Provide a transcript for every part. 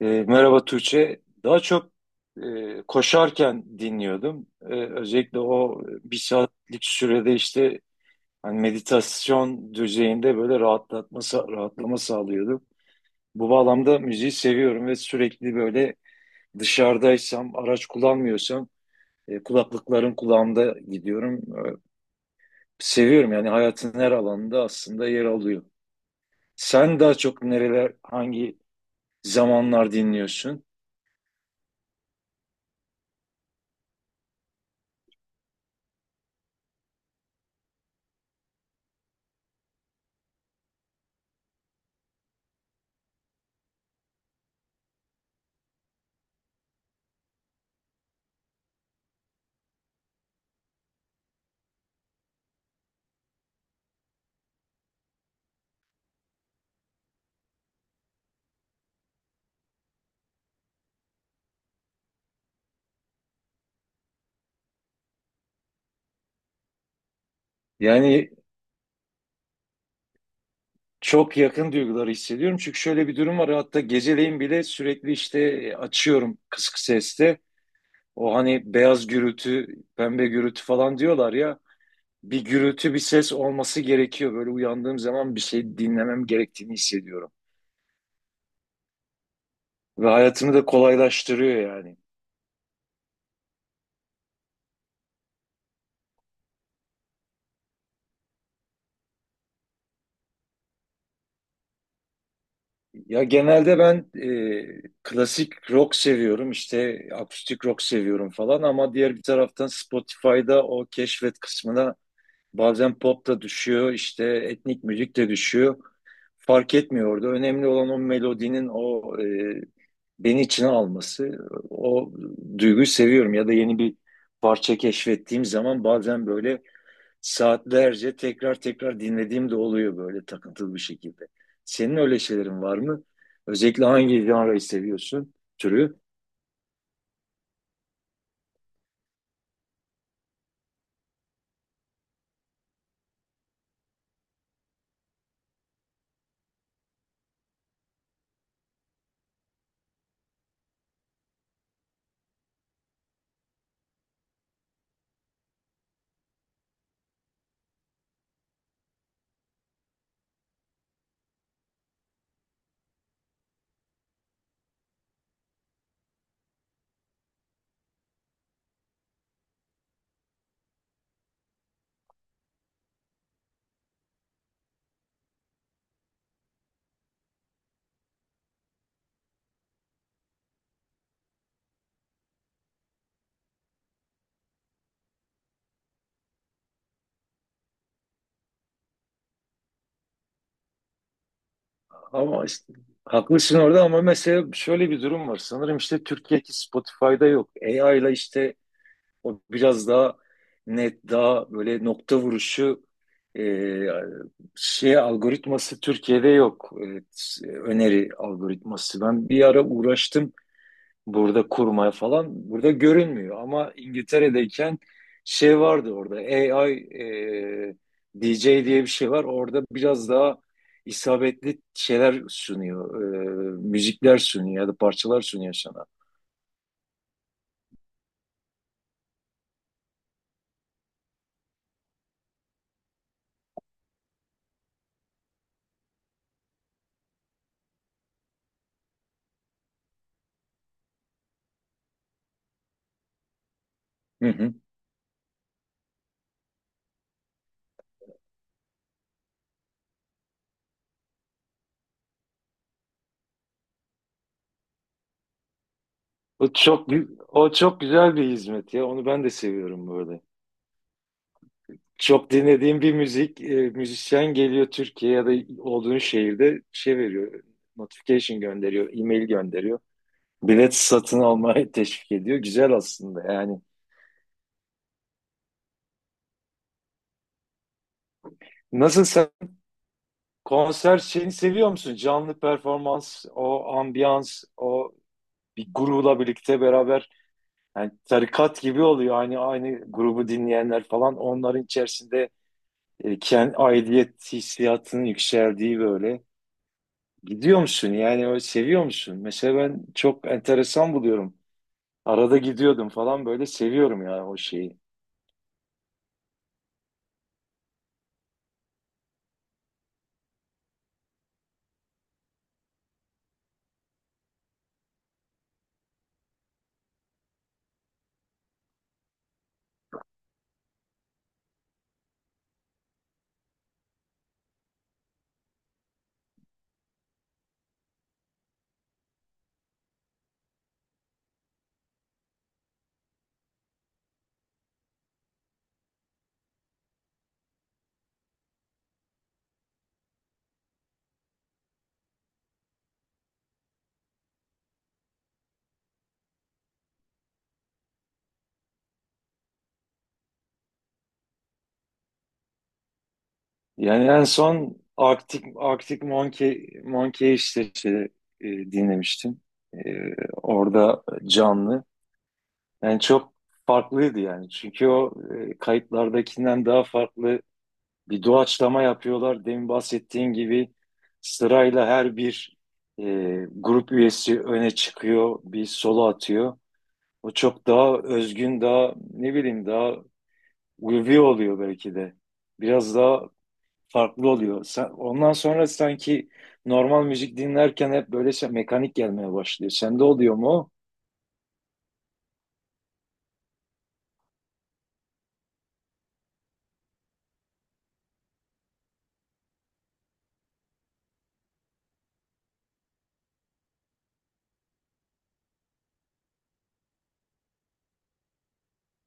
Merhaba Tuğçe. Daha çok koşarken dinliyordum. Özellikle o bir saatlik sürede meditasyon düzeyinde böyle rahatlama sağlıyordu. Bu bağlamda müziği seviyorum ve sürekli böyle dışarıdaysam, araç kullanmıyorsam kulaklıkların kulağımda gidiyorum. Seviyorum yani hayatın her alanında aslında yer alıyor. Sen daha çok hangi zamanlar dinliyorsun? Yani çok yakın duyguları hissediyorum. Çünkü şöyle bir durum var. Hatta geceleyin bile sürekli açıyorum kısık seste. O hani beyaz gürültü, pembe gürültü falan diyorlar ya. Bir gürültü, bir ses olması gerekiyor. Böyle uyandığım zaman bir şey dinlemem gerektiğini hissediyorum. Ve hayatımı da kolaylaştırıyor yani. Ya genelde ben klasik rock seviyorum, işte akustik rock seviyorum falan ama diğer bir taraftan Spotify'da o keşfet kısmına bazen pop da düşüyor, işte etnik müzik de düşüyor. Fark etmiyordu. Önemli olan o melodinin beni içine alması. O duyguyu seviyorum. Ya da yeni bir parça keşfettiğim zaman bazen böyle saatlerce tekrar tekrar dinlediğim de oluyor böyle takıntılı bir şekilde. Senin öyle şeylerin var mı? Özellikle hangi janrayı seviyorsun, türü? Ama işte, haklısın orada ama mesela şöyle bir durum var. Sanırım işte Türkiye'deki Spotify'da yok. AI ile işte o biraz daha net, daha böyle nokta vuruşu e, algoritması Türkiye'de yok. Evet, öneri algoritması. Ben bir ara uğraştım burada kurmaya falan. Burada görünmüyor ama İngiltere'deyken şey vardı orada. AI DJ diye bir şey var. Orada biraz daha isabetli şeyler sunuyor. Müzikler sunuyor ya da parçalar sunuyor sana. Hı hı. O çok güzel bir hizmet ya. Onu ben de seviyorum böyle. Çok dinlediğim bir müzisyen geliyor Türkiye ya da olduğun şehirde şey veriyor. Notification gönderiyor, e-mail gönderiyor. Bilet satın almaya teşvik ediyor. Güzel aslında yani. Nasıl sen konser şeyini seviyor musun? Canlı performans, o ambiyans, o bir grupla birlikte beraber yani tarikat gibi oluyor. Aynı grubu dinleyenler falan onların içerisinde kendi aidiyet hissiyatının yükseldiği böyle. Gidiyor musun yani o seviyor musun? Mesela ben çok enteresan buluyorum. Arada gidiyordum falan böyle seviyorum ya o şeyi. Yani en son Arctic Monkey dinlemiştim. E, Orada canlı. Yani çok farklıydı yani. Çünkü kayıtlardakinden daha farklı bir doğaçlama yapıyorlar. Demin bahsettiğin gibi sırayla e, grup üyesi öne çıkıyor, bir solo atıyor. O çok daha özgün, daha ne bileyim daha ulvi oluyor belki de. Biraz daha farklı oluyor. Ondan sonra sanki normal müzik dinlerken hep böyle mekanik gelmeye başlıyor. Sende oluyor mu?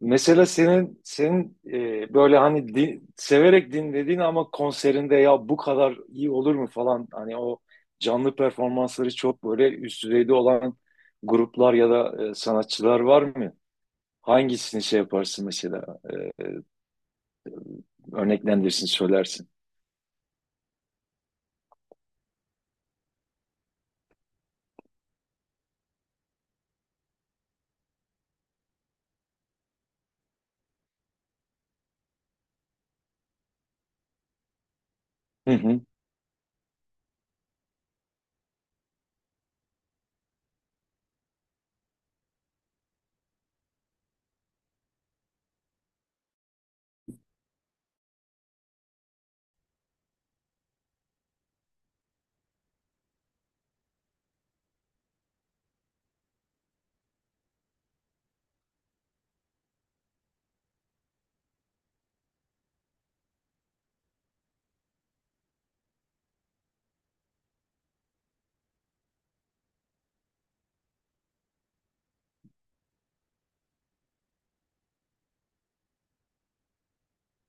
Mesela senin böyle severek dinlediğin ama konserinde ya bu kadar iyi olur mu falan hani o canlı performansları çok böyle üst düzeyde olan gruplar ya da sanatçılar var mı? Hangisini şey yaparsın mesela? Örneklendirsin, söylersin. Hı hı.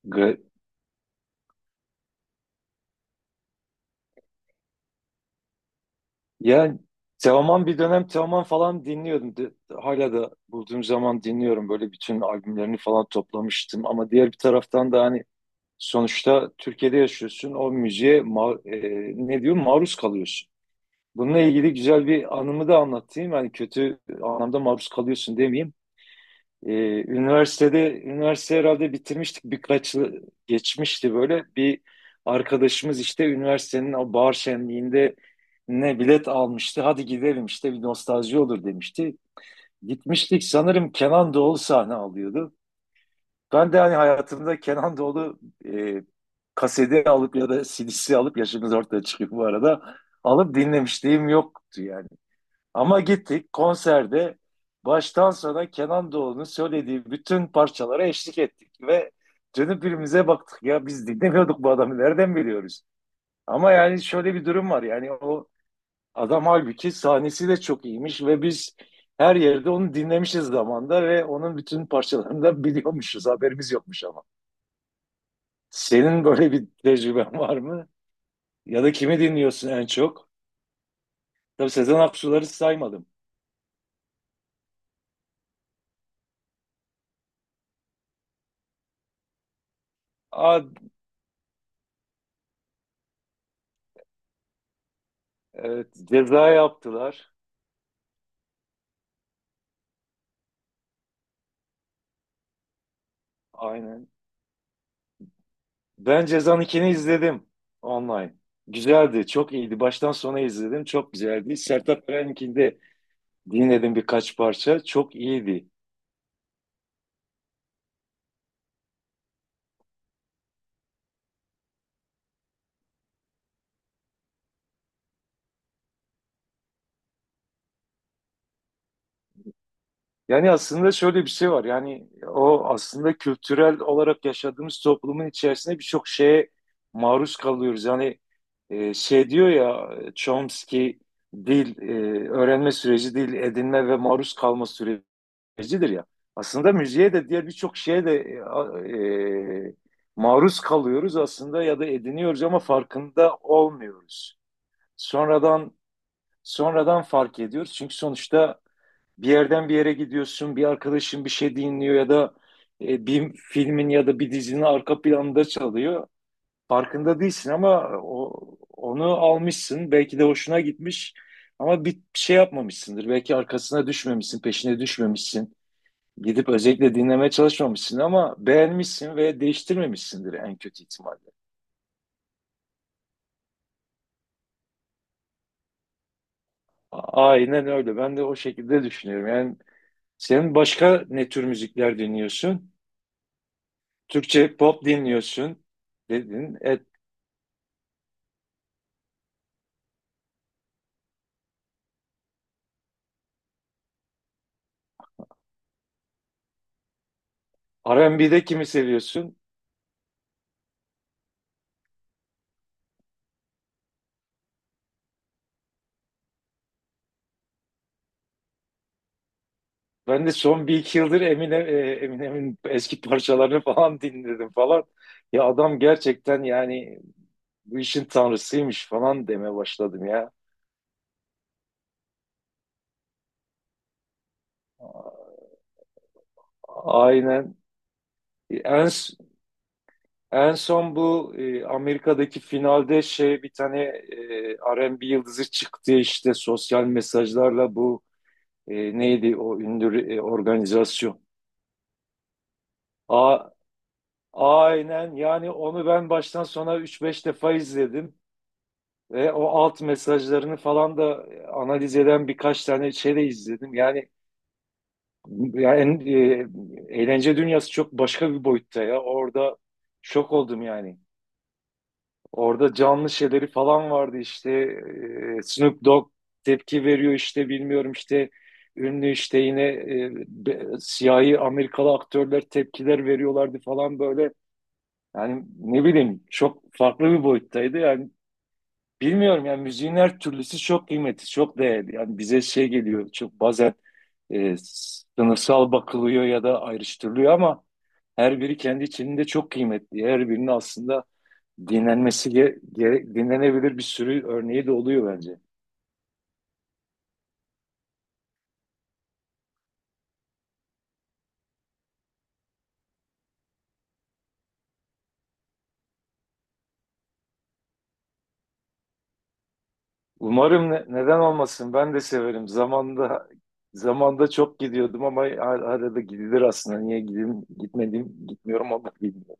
Ga- Yani Teoman bir dönem Teoman falan dinliyordum. Hala da bulduğum zaman dinliyorum. Böyle bütün albümlerini falan toplamıştım. Ama diğer bir taraftan da hani sonuçta Türkiye'de yaşıyorsun, o müziğe ne diyor maruz kalıyorsun. Bununla ilgili güzel bir anımı da anlatayım. Yani kötü anlamda maruz kalıyorsun demeyeyim. E, üniversitede, üniversite herhalde bitirmiştik birkaç yıl geçmişti böyle. Bir arkadaşımız işte üniversitenin o bahar şenliğinde ne bilet almıştı. Hadi gidelim işte bir nostalji olur demişti. Gitmiştik sanırım Kenan Doğulu sahne alıyordu. Ben de hani hayatımda Kenan Doğulu e, kaseti alıp ya da CD'si alıp yaşımız ortaya çıkıyor bu arada. Alıp dinlemişliğim yoktu yani. Ama gittik konserde baştan sona Kenan Doğulu'nun söylediği bütün parçalara eşlik ettik ve dönüp birbirimize baktık ya biz dinlemiyorduk bu adamı nereden biliyoruz? Ama yani şöyle bir durum var yani o adam halbuki sahnesi de çok iyiymiş ve biz her yerde onu dinlemişiz zamanda ve onun bütün parçalarını da biliyormuşuz haberimiz yokmuş ama. Senin böyle bir tecrüben var mı? Ya da kimi dinliyorsun en çok? Tabii Sezen Aksu'ları saymadım. Aa, evet, Ceza yaptılar. Aynen. Ben Ceza'nın ikini izledim online. Güzeldi, çok iyiydi. Baştan sona izledim, çok güzeldi. Sertab Erenkini de dinledim birkaç parça. Çok iyiydi. Yani aslında şöyle bir şey var. Yani o aslında kültürel olarak yaşadığımız toplumun içerisinde birçok şeye maruz kalıyoruz. Yani e, şey diyor ya Chomsky dil öğrenme süreci değil edinme ve maruz kalma sürecidir ya. Aslında müziğe de diğer birçok şeye de maruz kalıyoruz aslında ya da ediniyoruz ama farkında olmuyoruz. Sonradan sonradan fark ediyoruz. Çünkü sonuçta bir yerden bir yere gidiyorsun, bir arkadaşın bir şey dinliyor ya da bir filmin ya da bir dizinin arka planında çalıyor. Farkında değilsin ama onu almışsın. Belki de hoşuna gitmiş ama bir şey yapmamışsındır. Belki arkasına düşmemişsin, peşine düşmemişsin. Gidip özellikle dinlemeye çalışmamışsın ama beğenmişsin ve değiştirmemişsindir en kötü ihtimalle. Aynen öyle. Ben de o şekilde düşünüyorum. Yani sen başka ne tür müzikler dinliyorsun? Türkçe pop dinliyorsun dedin. R&B'de kimi seviyorsun? Ben de son bir iki yıldır Eminem'in eski parçalarını falan dinledim falan. Ya adam gerçekten yani bu işin tanrısıymış falan deme başladım ya. Aynen. En, En son bu Amerika'daki finalde R&B yıldızı çıktı işte sosyal mesajlarla neydi o ünlü organizasyon. A, Aynen yani onu ben baştan sona üç beş defa izledim ve o alt mesajlarını falan da analiz eden birkaç tane şey de izledim. Yani, eğlence dünyası çok başka bir boyutta ya. Orada şok oldum yani. Orada canlı şeyleri falan vardı işte Snoop Dogg tepki veriyor işte bilmiyorum işte ünlü işte yine siyahi Amerikalı aktörler tepkiler veriyorlardı falan böyle. Yani ne bileyim çok farklı bir boyuttaydı. Yani bilmiyorum yani müziğin her türlüsü çok kıymetli, çok değerli. Yani bize şey geliyor çok bazen e, sınıfsal bakılıyor ya da ayrıştırılıyor ama her biri kendi içinde çok kıymetli. Her birinin aslında dinlenebilir bir sürü örneği de oluyor bence. Umarım neden olmasın ben de severim. Zamanda çok gidiyordum ama arada gidilir aslında. Gitmiyorum ama bilmiyorum.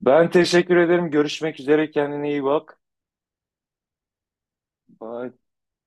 Ben teşekkür ederim. Görüşmek üzere. Kendine iyi bak. Bye.